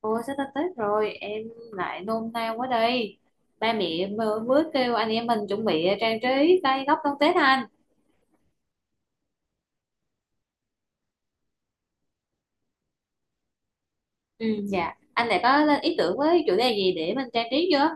Ôi sắp tới Tết rồi em lại nôn nao quá đây. Ba mẹ em mới mới kêu anh em mình chuẩn bị trang trí cây góc đón Tết anh. Ừ dạ, anh lại có lên ý tưởng với chủ đề gì để mình trang trí chưa?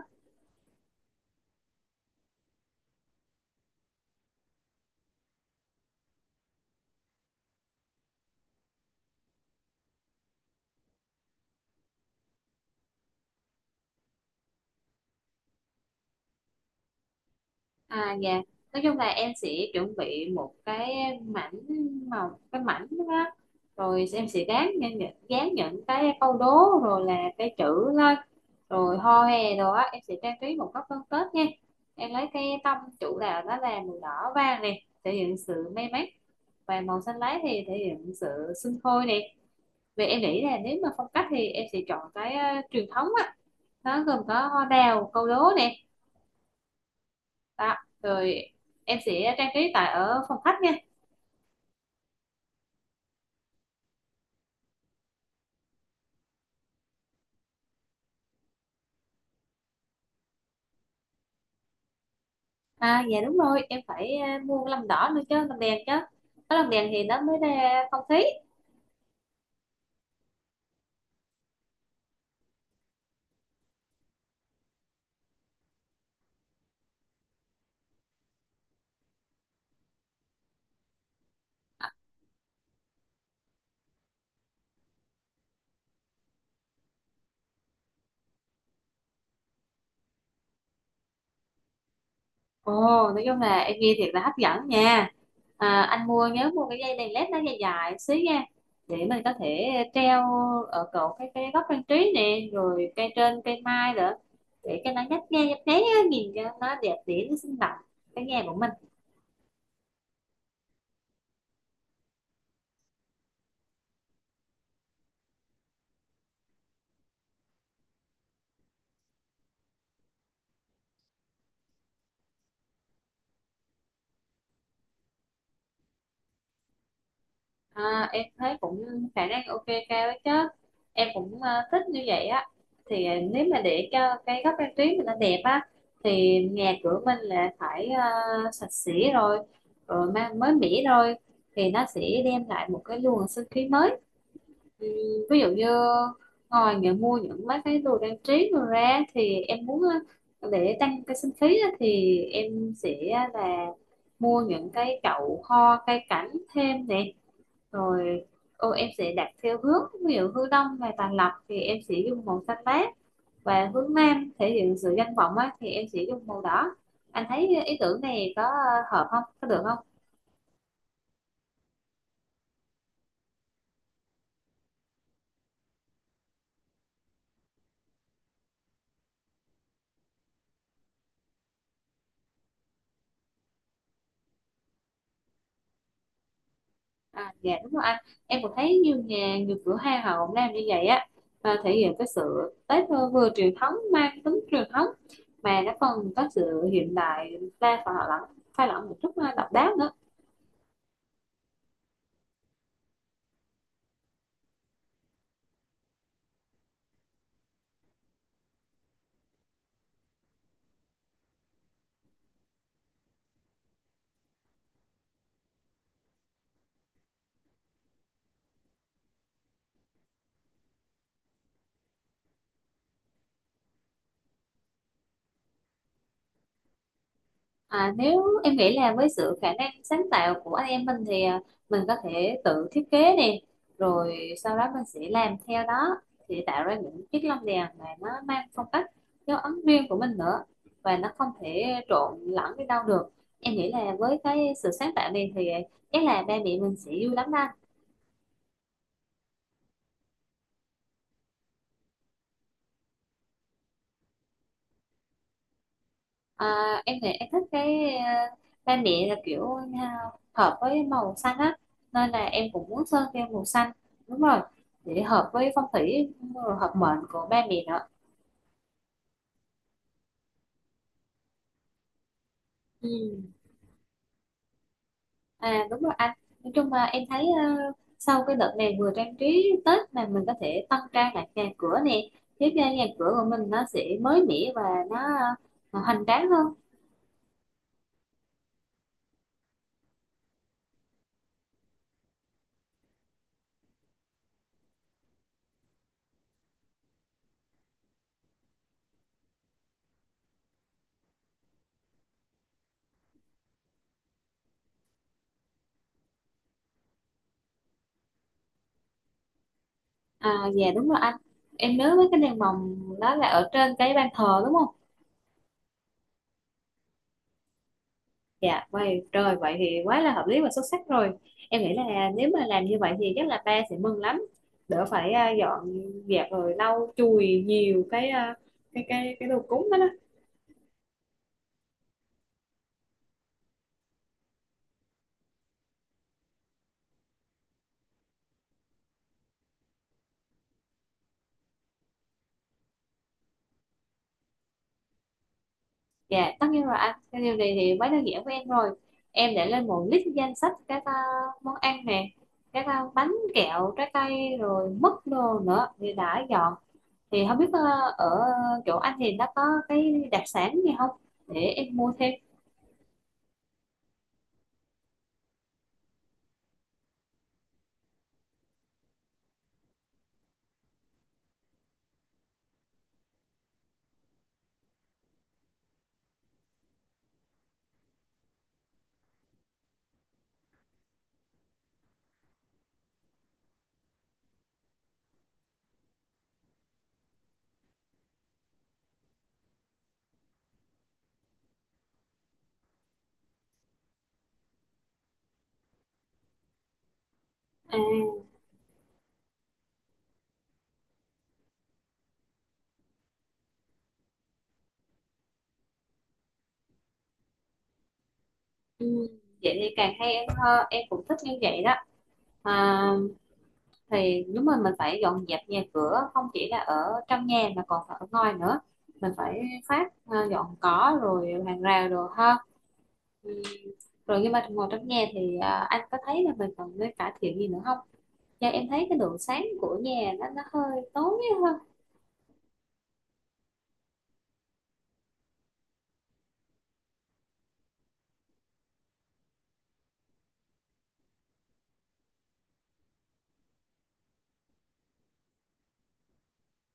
À dạ, nói chung là em sẽ chuẩn bị một cái mảnh màu, cái mảnh đó rồi em sẽ dán dán những cái câu đố rồi là cái chữ lên, rồi hoa hè rồi á, em sẽ trang trí một góc phân Tết nha. Em lấy cái tông chủ đạo đó là màu đỏ vàng này thể hiện sự may mắn, và màu xanh lá thì thể hiện sự sinh sôi này. Vậy em nghĩ là nếu mà phong cách thì em sẽ chọn cái truyền thống á, nó gồm có hoa đào, câu đố nè đó. Rồi em sẽ trang trí tại ở phòng khách nha. À dạ đúng rồi, em phải mua cái lồng đỏ nữa chứ, lồng đèn chứ. Có lồng đèn thì nó mới ra phong khí. Ồ, nói chung là em nghe thiệt là hấp dẫn nha. À, anh mua nhớ mua cái dây đèn led nó dài dài xíu nha, để mình có thể treo ở cổ cái góc trang trí nè, rồi cây trên cây mai nữa, để cho nó nhấp nháy á, nhìn cho nó đẹp đẽ, nó sinh động cái nhà của mình. À, em thấy cũng khả năng ok cao đấy chứ, em cũng thích như vậy á. Thì nếu mà để cho cái góc trang trí mình nó đẹp á, thì nhà cửa mình là phải sạch sẽ rồi, rồi mang mới mẻ rồi, thì nó sẽ đem lại một cái luồng sinh khí mới. Ừ, ví dụ như ngồi những mua những mấy cái đồ trang trí đồ ra thì em muốn để tăng cái sinh khí á, thì em sẽ là mua những cái chậu hoa cây cảnh thêm nè. Rồi ô, em sẽ đặt theo hướng, ví dụ hướng đông về tàn lập thì em sẽ dùng màu xanh lá, và hướng nam thể hiện sự danh vọng á, thì em sẽ dùng màu đỏ. Anh thấy ý tưởng này có hợp không, có được không? À dạ đúng rồi anh, em cũng thấy nhiều nhà nhiều cửa hàng họ cũng làm như vậy á, và thể hiện cái sự Tết vừa truyền thống, mang tính truyền thống mà nó còn có sự hiện đại pha, và họ lẫn pha lẫn một chút độc đáo nữa. À, nếu em nghĩ là với sự khả năng sáng tạo của anh em mình thì mình có thể tự thiết kế nè, rồi sau đó mình sẽ làm theo đó, thì tạo ra những chiếc lông đèn mà nó mang phong cách dấu ấn riêng của mình nữa, và nó không thể trộn lẫn với đâu được. Em nghĩ là với cái sự sáng tạo này thì chắc là ba mẹ mình sẽ vui lắm đó. À, em thì em thích cái ba mẹ là kiểu hợp với màu xanh á, nên là em cũng muốn sơn theo màu xanh. Đúng rồi, để hợp với phong thủy rồi hợp mệnh của ba mẹ nữa. Ừ. À đúng rồi anh, nói chung là em thấy sau cái đợt này vừa trang trí Tết mà mình có thể tăng trang lại nhà cửa nè, giúp cho nhà cửa của mình nó sẽ mới mẻ và nó hoành tráng hơn. À dạ đúng rồi anh, em nhớ mấy cái đèn mồng đó là ở trên cái ban thờ đúng không? Dạ, vậy rồi vậy thì quá là hợp lý và xuất sắc rồi. Em nghĩ là nếu mà làm như vậy thì chắc là ba sẽ mừng lắm. Đỡ phải dọn dẹp rồi lau chùi nhiều cái đồ cúng đó đó. Dạ, tất nhiên rồi anh. Cái điều này thì quá đơn giản với em rồi. Em để lên một list danh sách các món ăn nè, các bánh kẹo, trái cây, rồi mứt đồ nữa thì đã dọn. Thì không biết ở chỗ anh thì nó có cái đặc sản gì không, để em mua thêm. À. Ừ, vậy thì càng hay em, hơn em cũng thích như vậy đó. À, thì đúng rồi, mình phải dọn dẹp nhà cửa không chỉ là ở trong nhà mà còn phải ở ngoài nữa, mình phải phát dọn cỏ rồi hàng rào rồi ha. Ừ. Rồi nhưng mà ngồi trong nhà thì anh có thấy là mình còn nên cải thiện gì nữa không? Do em thấy cái độ sáng của nhà nó hơi tối.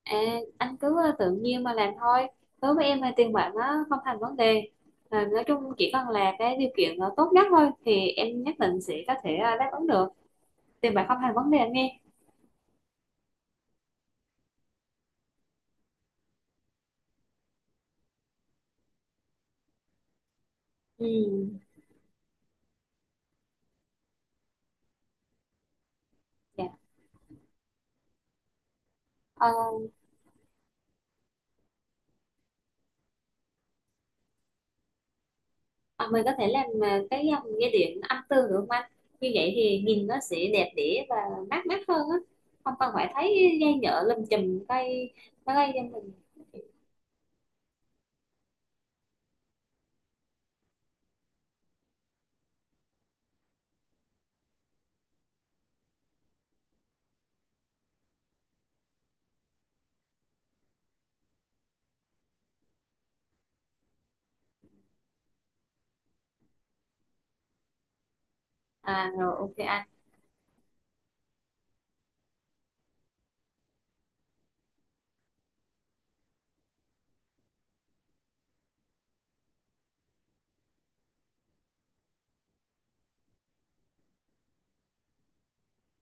À, anh cứ tự nhiên mà làm thôi. Đối với em thì tiền bạc nó không thành vấn đề. À, nói chung chỉ cần là cái điều kiện tốt nhất thôi thì em nhất định sẽ có thể đáp ứng được. Tiền bạc không thành vấn đề anh nghe. Ừ, dạ. Ờ, à, mình có thể làm cái dòng dây điện âm tường được không anh? Như vậy thì nhìn nó sẽ đẹp đẽ và mát mắt hơn á. Không cần phải thấy dây nhựa lùm chùm cây cái gây cho mình. À rồi ok anh.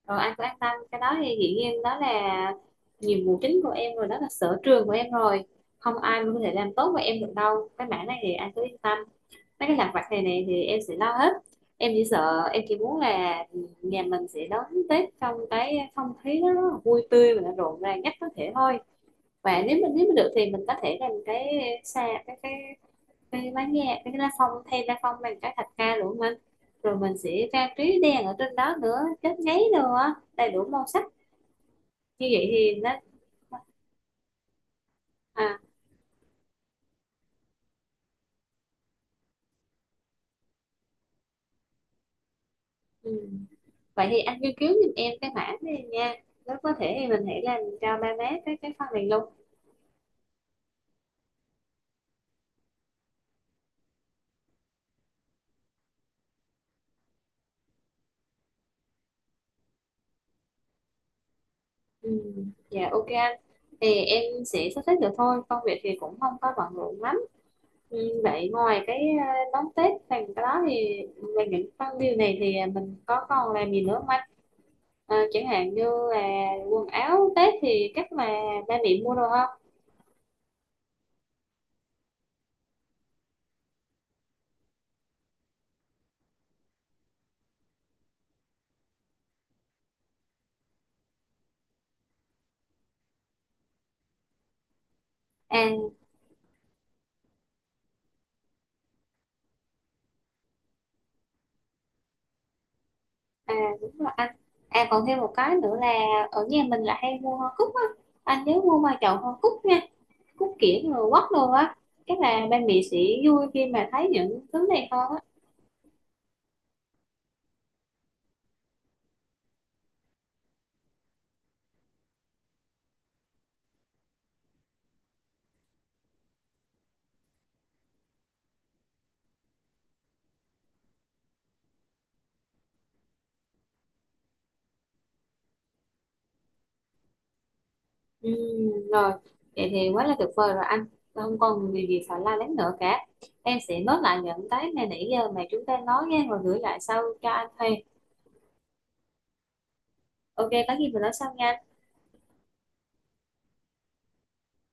Rồi anh cứ an tâm, cái đó thì dĩ nhiên đó là nhiệm vụ chính của em rồi, đó là sở trường của em rồi, không ai mà có thể làm tốt với em được đâu, cái mảng này thì anh cứ yên tâm. Mấy cái lặt vặt này này thì em sẽ lo hết. Em chỉ sợ, em chỉ muốn là nhà mình sẽ đón Tết trong cái không khí nó rất là vui tươi và rộn ràng nhất có thể thôi. Và nếu mình, nếu mà được thì mình có thể làm cái xa cái cái bánh nghe, cái lá phong, thay lá phong bằng cái thạch ca đủ mình, rồi mình sẽ trang trí đèn ở trên đó nữa, chớp giấy nữa, đầy đủ màu sắc, như vậy thì nó à. Ừ. Vậy thì anh nghiên cứu giùm em cái mảng này nha, nếu có thể thì mình hãy làm cho ba má cái phần này luôn. Ừ. Dạ ok anh, thì em sẽ sắp xếp được thôi, công việc thì cũng không có bận rộn lắm. Ừ. Vậy ngoài cái đón Tết phần cái đó thì về những phần điều này thì mình có còn làm gì nữa không anh? Ờ, chẳng hạn như là quần áo Tết thì chắc là ba mẹ mua đồ không? À. À đúng rồi anh. À còn thêm một cái nữa là ở nhà mình là hay mua hoa cúc á. Anh nhớ mua vài chậu hoa cúc nha. Cúc kiểng rồi quất đồ á. Chắc là ba mẹ sẽ vui khi mà thấy những thứ này hơn á. Ừ, rồi. Vậy thì quá là tuyệt vời rồi anh. Không còn điều gì phải lo lắng nữa cả. Em sẽ nốt lại những cái mà nãy giờ mà chúng ta nói nha. Rồi gửi lại sau cho anh thôi. Ok, có gì mình nói sau nha.